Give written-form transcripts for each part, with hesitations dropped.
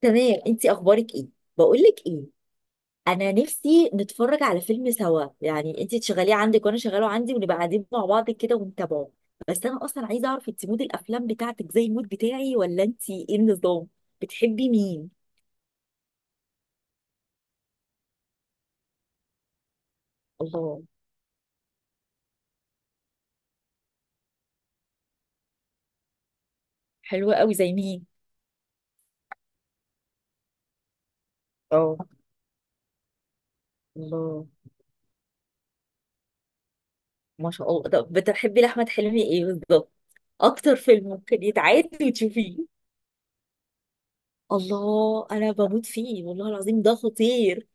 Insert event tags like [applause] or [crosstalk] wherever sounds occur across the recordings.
تمام. انتي اخبارك ايه؟ بقولك ايه، انا نفسي نتفرج على فيلم سوا، يعني انتي تشغليه عندك وانا شغاله عندي ونبقى قاعدين مع بعض كده ونتابعه. بس انا اصلا عايزه اعرف انتي مود الافلام بتاعتك زي المود بتاعي ولا انتي ايه النظام؟ بتحبي مين؟ الله. حلوة قوي، زي مين؟ اه. الله. ما شاء الله، طب بتحبي لاحمد حلمي ايه بالظبط؟ اكتر فيلم ممكن يتعاد وتشوفيه؟ الله، انا بموت فيه، والله العظيم ده خطير.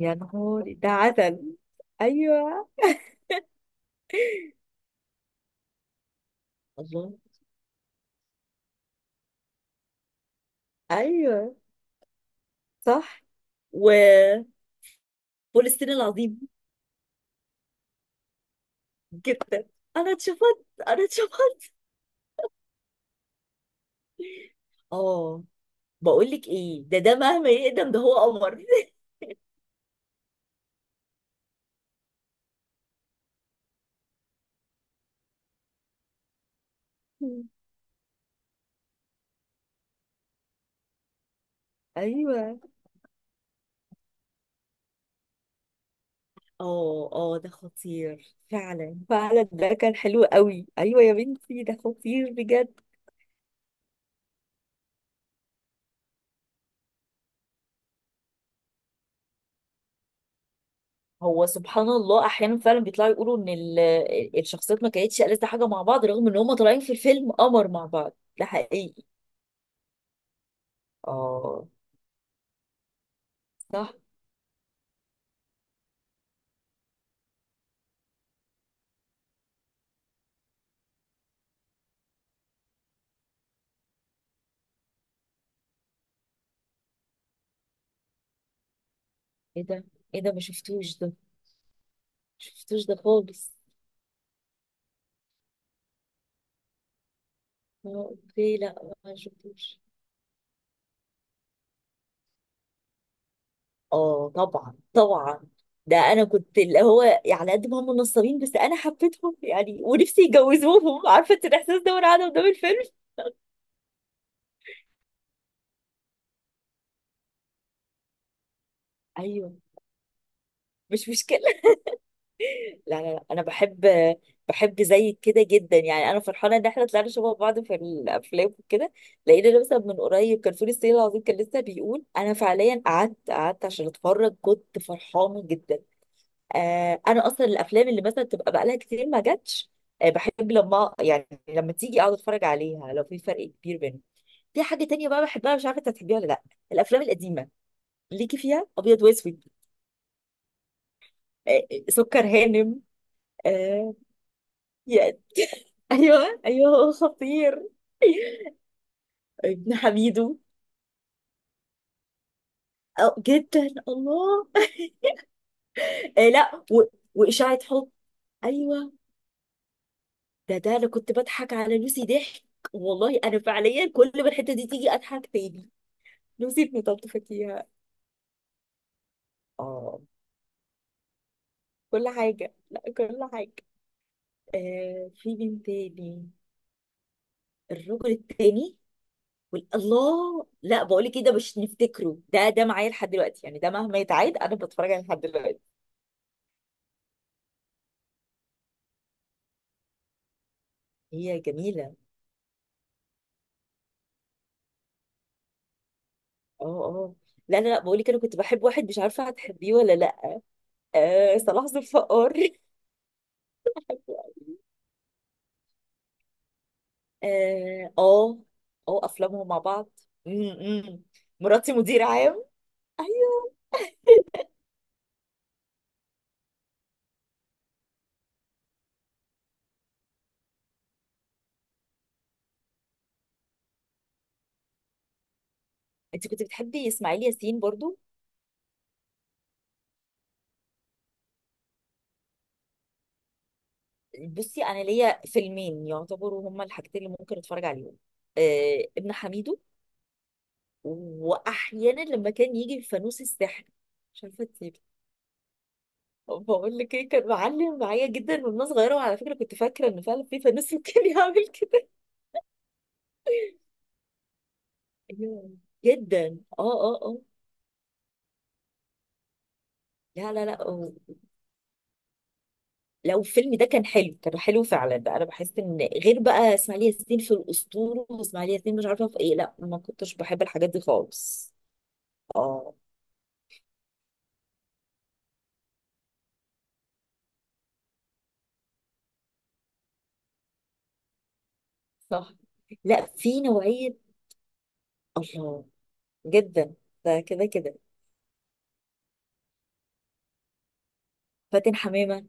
يا نهار، ده عسل. ايوه. الله. ايوه. صح. وفلسطين. العظيم. جدا. انا اتشفت انا اتشفت. اه. بقول لك ايه، ده مهما يقدم، ده هو قمر. [laughs] ايوه. اه اه، ده خطير فعلا فعلا، ده كان حلو قوي، ايوه يا بنتي، ده خطير بجد. هو سبحان الله، احيانا فعلا بيطلعوا يقولوا ان الشخصيات ما كانتش ألذ حاجه مع بعض، رغم ان هم طالعين في الفيلم قمر مع بعض. ده حقيقي. اه صح. ايه ده؟ ايه ده، ما شفتوش ده، شفتوش ده خالص. اه، اوكي، لا ما شفتوش. اه، طبعا طبعا، ده انا كنت اللي هو، على قد ما هم نصابين، بس انا حبيتهم يعني، ونفسي يجوزوهم. [laughs] عارفه انت الاحساس ده وانا قاعده قدام الفيلم. ايوه. مش مشكله. لا لا لا، انا بحب، بحب زيك كده جدا، يعني انا فرحانه ان احنا طلعنا شبه بعض في الافلام وكده. لقينا مثلا من قريب كان فول الصين العظيم، كان لسه بيقول، انا فعليا قعدت عشان اتفرج، كنت فرحانه جدا. آه، انا اصلا الافلام اللي مثلا تبقى بقالها كتير ما جاتش، آه بحب لما يعني لما تيجي اقعد اتفرج عليها لو في فرق كبير بينهم. في حاجه تانية بقى بحبها، مش عارفه انت هتحبيها ولا لا، الافلام القديمه، ليكي فيها ابيض واسود؟ آه، سكر هانم. آه. يا. ايوه ايوه، هو خطير. [laughs] ابن حميدو. أو جدا، الله. آه لا واشاعه حب. ايوه. ده انا كنت بضحك على لوسي ضحك، والله انا فعليا كل ما الحته دي تيجي اضحك تاني، نسيت نطبطب فيها. اه كل حاجة، لا كل حاجة. آه، في بنت تاني، الرجل التاني، الله، لا بقولك ايه، ده مش نفتكره، ده معايا لحد دلوقتي يعني، ده مهما يتعاد انا بتفرج عليه لحد دلوقتي. هي جميلة. اه اه. لا لا لا، بقولك انا كنت بحب واحد، مش عارفة هتحبيه ولا لا. آه، صلاح ذو الفقار. [laughs] اه اه. آه، افلامهم مع بعض. م- م. مراتي مدير عام. ايوه. انت كنت بتحبي اسماعيل ياسين برضو؟ بصي، انا ليا فيلمين يعتبروا هما الحاجتين اللي ممكن اتفرج عليهم، آه ابن حميدو، واحيانا لما كان يجي الفانوس السحري، مش عارفه تسيبي. بقول لك ايه، كان معلم معايا جدا وانا صغيره، وعلى فكره كنت فاكره ان فعلا في فانوس ممكن [laughs] يعمل كده. أيوة. جدا، اه اه اه. لا لا لا، لو الفيلم ده كان حلو، كان حلو فعلا بقى، انا بحس ان غير بقى اسماعيل ياسين في الاسطوره واسماعيل ياسين، مش عارفه في ايه، لا ما كنتش بحب الحاجات دي خالص. اه. صح. لا، في نوعية. الله. جدا. ده كده كده. فاتن حمامة،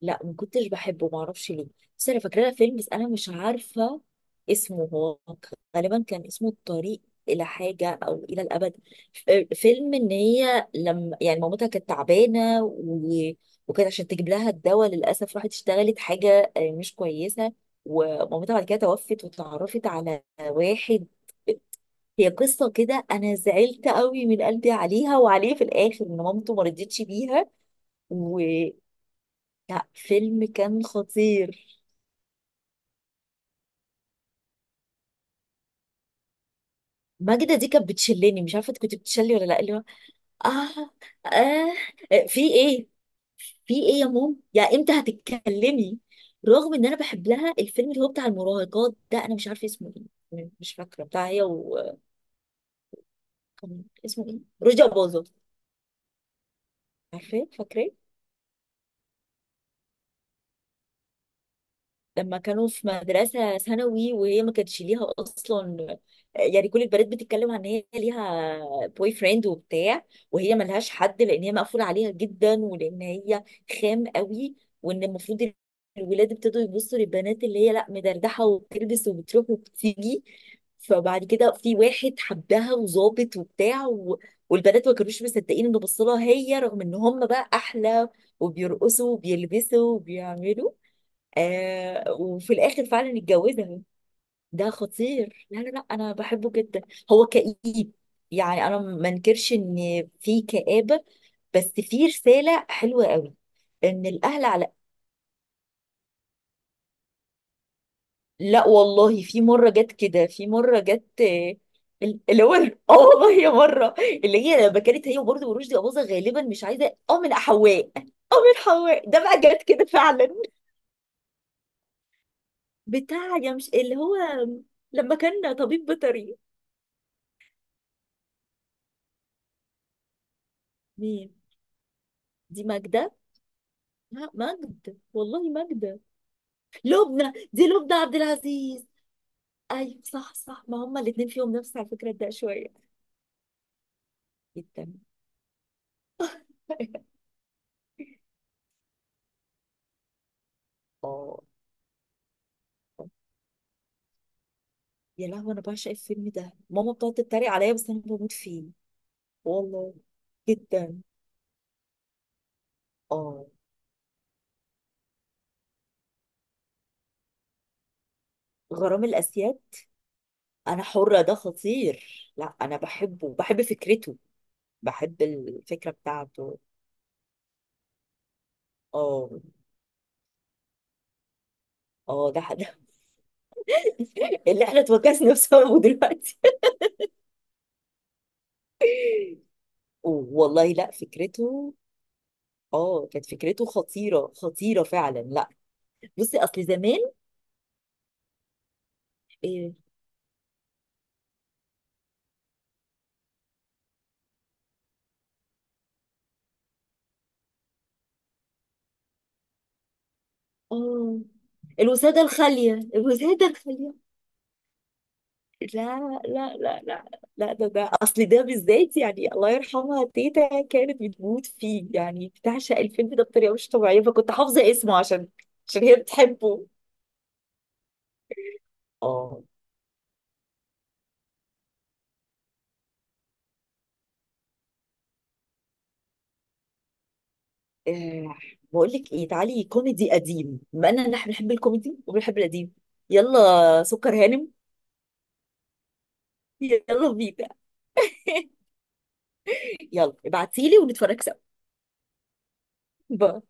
لا ما كنتش بحبه، ما اعرفش ليه. بس انا فاكره لها فيلم، بس انا مش عارفة اسمه هو، غالبا كان اسمه الطريق، الى حاجة او الى الابد. فيلم ان هي، لما يعني مامتها كانت تعبانة وكانت عشان تجيب لها الدواء، للاسف راحت اشتغلت حاجة مش كويسة، ومامتها بعد كده توفت، وتعرفت على واحد، هي قصة كده. أنا زعلت قوي من قلبي عليها وعليه في الآخر، إن مامته ما رضيتش بيها. و، لا فيلم كان خطير. ماجدة دي كانت بتشلني، مش عارفة انت كنت بتشلي ولا لا اللي هو. آه. آه في إيه، في إيه يا مام، يا إمتى هتتكلمي؟ رغم إن أنا بحب لها الفيلم اللي هو بتاع المراهقات ده، أنا مش عارفة اسمه إيه، مش فاكرة، بتاع هي و، كان اسمه إيه، رجع باظه؟ عارفة، فاكرة؟ لما كانوا في مدرسة ثانوي وهي ما كانتش ليها أصلا، يعني كل البنات بتتكلم عن إن هي ليها بوي فريند وبتاع، وهي ملهاش حد، لأن هي مقفولة عليها جدا، ولأن هي خام قوي، وإن المفروض، الولاد ابتدوا يبصوا للبنات اللي هي لا مدردحة وبتلبس وبتروح وبتيجي. فبعد كده في واحد حبها، وظابط وبتاع، والبنات ما كانوش مصدقين انه بصلها هي، رغم ان هم بقى احلى وبيرقصوا وبيلبسوا وبيعملوا. آه، وفي الاخر فعلا اتجوزها. ده خطير، لا لا لا انا بحبه جدا. هو كئيب، يعني انا ما انكرش ان في كآبة، بس في رسالة حلوة قوي، ان الاهل على. لا والله، في مرة جت كده، في مرة جت، اللي هو، اه والله يا مرة، اللي هي لما كانت هي وبرده ورشدي أباظة، غالبا مش عايزة، من حواء، اه من حواء، ده بقى جت كده فعلا. بتاع يا، مش اللي هو، لما كان طبيب بيطري. دي ماجدة، لا ماجد، والله ماجدة. لبنى، دي لبنى عبد العزيز. ايوه صح صح، ما هما الاتنين فيهم نفس على فكرة ده شوية. جدا. [laughs] اه. يا لهوي، انا بعشق الفيلم ده، ماما بتقعد تتريق عليا بس انا بموت فيه. والله. جدا. اه. غرام الاسياد. انا حرة ده خطير، لا انا بحبه، بحب فكرته، بحب الفكرة بتاعته. اه. اه [laughs] اللي احنا اتوكسنا بسببه دلوقتي. [laughs] والله، لا فكرته، اه كانت فكرته خطيرة خطيرة فعلا، لا بصي، اصل زمان. إيه. اه، الوسادة الخالية، الوسادة الخالية. لا. لا لا لا. لا، ده اصل ده بالذات يعني، الله يرحمها تيتا كانت بتموت فيه، يعني بتعشق الفيلم ده بطريقة مش طبيعية، فكنت حافظة اسمه، عشان عشان هي بتحبه. اه. آه. بقول لك ايه، تعالي كوميدي قديم، بما اننا نحن بنحب الكوميدي وبنحب القديم. يلا سكر هانم، يلا بينا. [laughs] يلا ابعتيلي ونتفرج سوا. باي.